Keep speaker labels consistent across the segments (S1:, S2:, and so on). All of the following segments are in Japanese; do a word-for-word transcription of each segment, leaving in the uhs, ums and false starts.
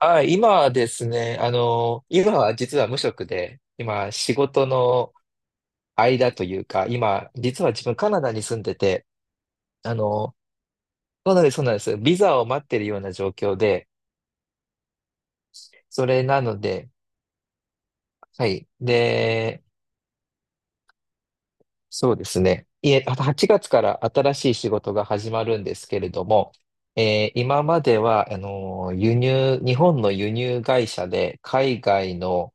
S1: あ、今はですね、あの、今は実は無職で、今仕事の間というか、今、実は自分カナダに住んでて、あの、そうなんです、そうなんです。ビザを待ってるような状況で、それなので、はい。で、そうですね。いえ、あとはちがつから新しい仕事が始まるんですけれども、えー今までは、あの、輸入、日本の輸入会社で海外の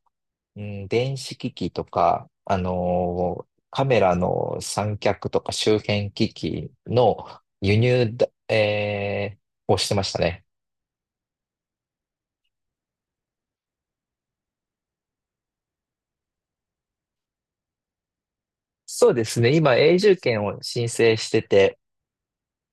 S1: うん、電子機器とか、あのーカメラの三脚とか周辺機器の輸入だ、えーをしてましたね。そうですね。今、永住権を申請してて、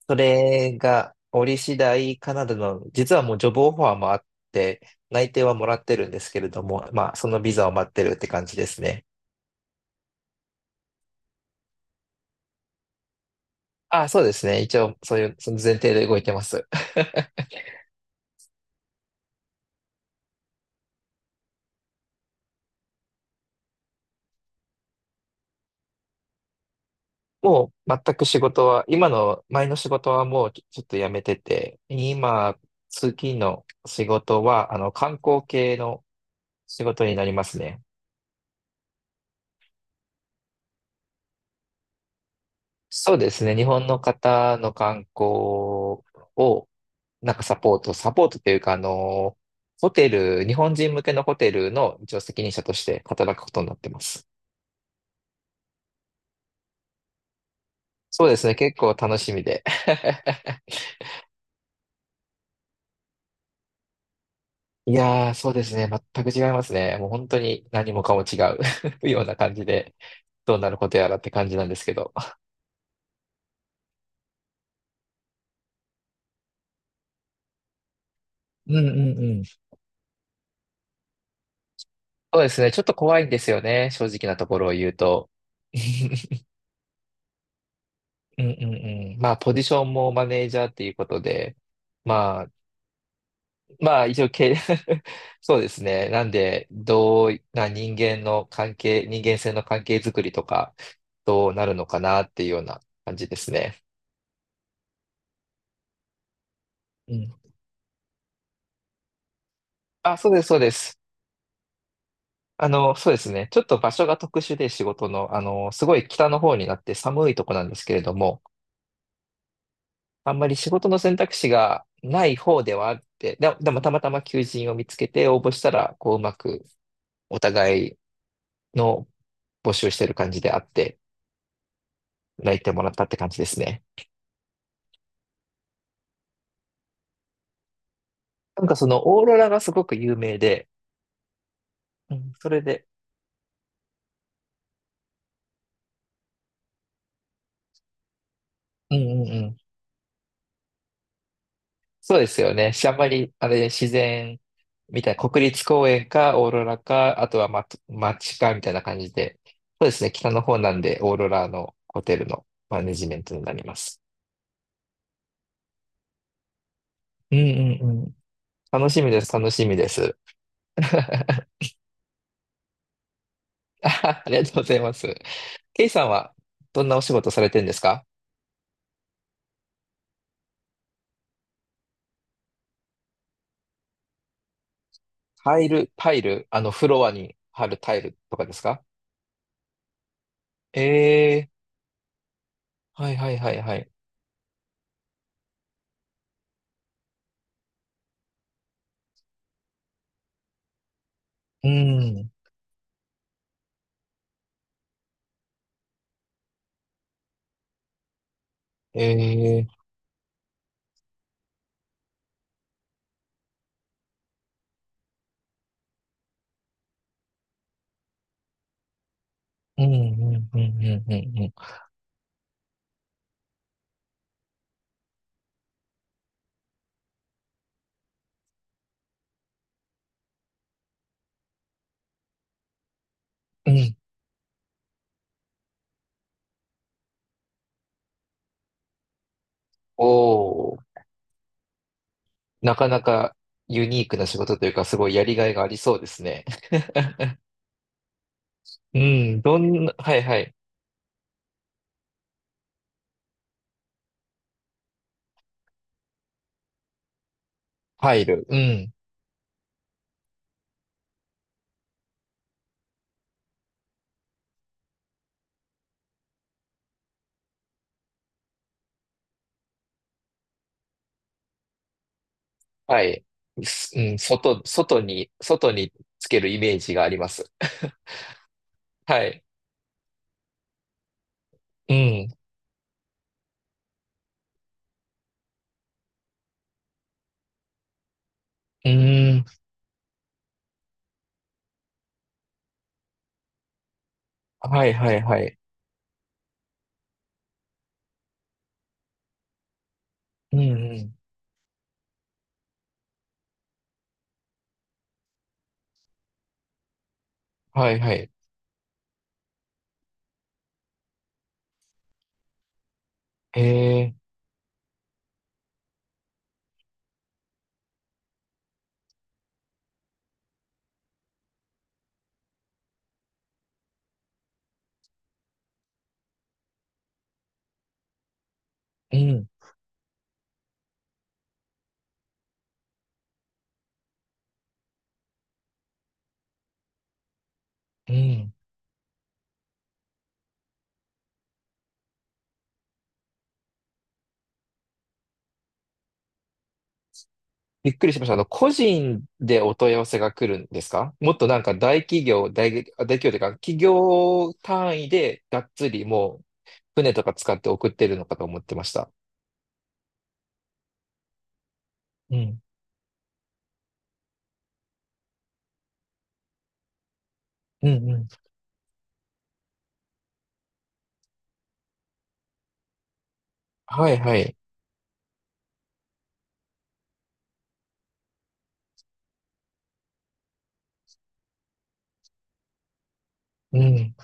S1: それが折り次第カナダの、実はもうジョブオファーもあって、内定はもらってるんですけれども、まあ、そのビザを待ってるって感じですね。あ、そうですね。一応、そういう、その前提で動いてます。もう全く仕事は、今の前の仕事はもうちょちょっとやめてて、今、次の仕事は、あの、観光系の仕事になりますね。そうですね。日本の方の観光を、なんかサポート、サポートというか、あの、ホテル、日本人向けのホテルの一応責任者として働くことになってます。そうですね。結構楽しみで。いやー、そうですね。全く違いますね。もう本当に何もかも違う ような感じで。どうなることやらって感じなんですけど。うんうんうん。そうですね。ちょっと怖いんですよね。正直なところを言うと。うんうんうん。まあ、ポジションもマネージャーっていうことで、まあ、まあ、一応。け そうですね。なんで、どうな人間の関係、人間性の関係づくりとか、どうなるのかなっていうような感じですね。うん。あ、そうです、そうです。あの、そうですね。ちょっと場所が特殊で仕事の、あの、すごい北の方になって寒いとこなんですけれども、あんまり仕事の選択肢がない方ではあって、で、でもたまたま求人を見つけて応募したら、こううまくお互いの募集してる感じであって、泣いてもらったって感じですね。なんかそのオーロラがすごく有名で、うん、それで、うんうんうん。そうですよね。しあんまり、あれ、自然みたいな、国立公園か、オーロラか、あとは、ま、街か、みたいな感じで、そうですね。北の方なんで、オーロラのホテルのマネジメントになります。うんうんうん。楽しみです、楽しみです。ありがとうございます。ケイさんはどんなお仕事されてるんですか？タイル、タイル、あの、フロアに貼るタイルとかですか？ええー、はいはいはいはい。うん、ええー、うん、うん、うん、うん、うん、うん。うん。おー、なかなかユニークな仕事というか、すごいやりがいがありそうですね。うん、どんな、はいはい。タイル、うん。はい。すうん、外、外に、外につけるイメージがあります。はい。うん。うーん。はいはいはい。うんうん。はいはい。えー。うん。うん。びっくりしました。あの、個人でお問い合わせが来るんですか？もっとなんか大企業、大、大企業というか、企業単位でがっつりもう船とか使って送ってるのかと思ってました。うん。うんうん。はいはい。うん。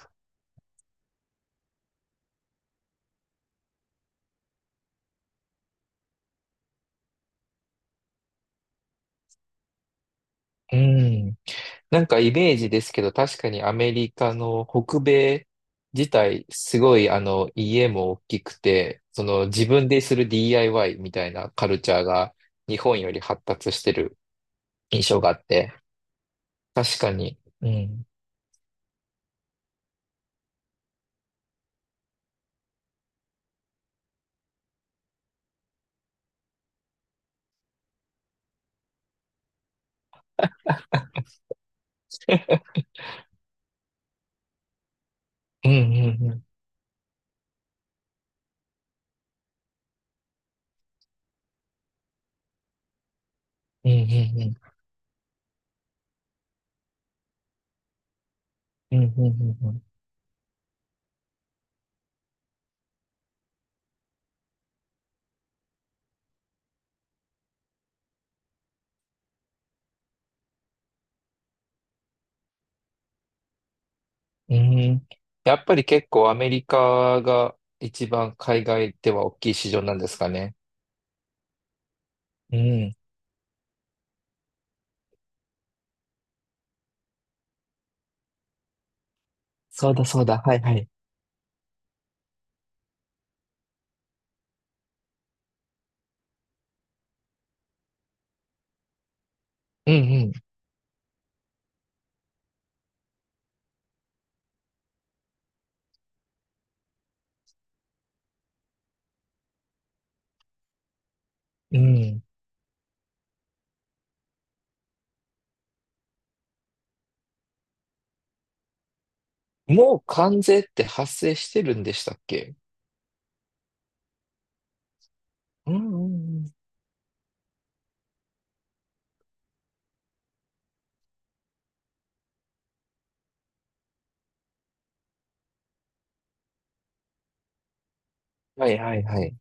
S1: うん。なんかイメージですけど、確かにアメリカの北米自体、すごいあの家も大きくて、その自分でする ディーアイワイ みたいなカルチャーが日本より発達してる印象があって、確かに。うん。うんうんうん。うんうんうん。うんうんうんうん。うん。やっぱり結構アメリカが一番海外では大きい市場なんですかね。うん。そうだそうだ。はいはい。うんうん。うん。もう関税って発生してるんでしたっけ？うんうんうん。はいはいはい。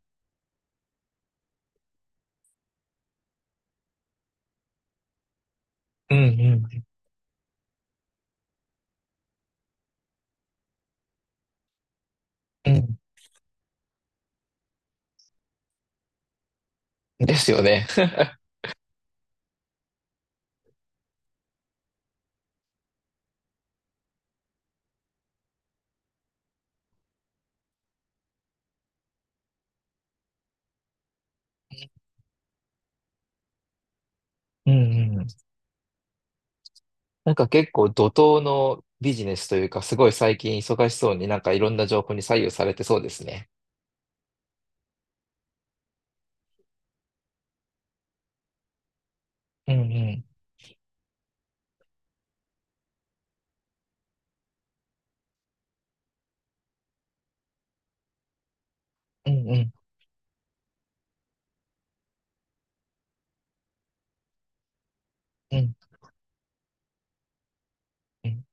S1: うんうんうん。ですよね。うんうん。なんか結構怒涛のビジネスというか、すごい最近忙しそうになんかいろんな情報に左右されてそうですね。うんうん。うんうん。うんうん。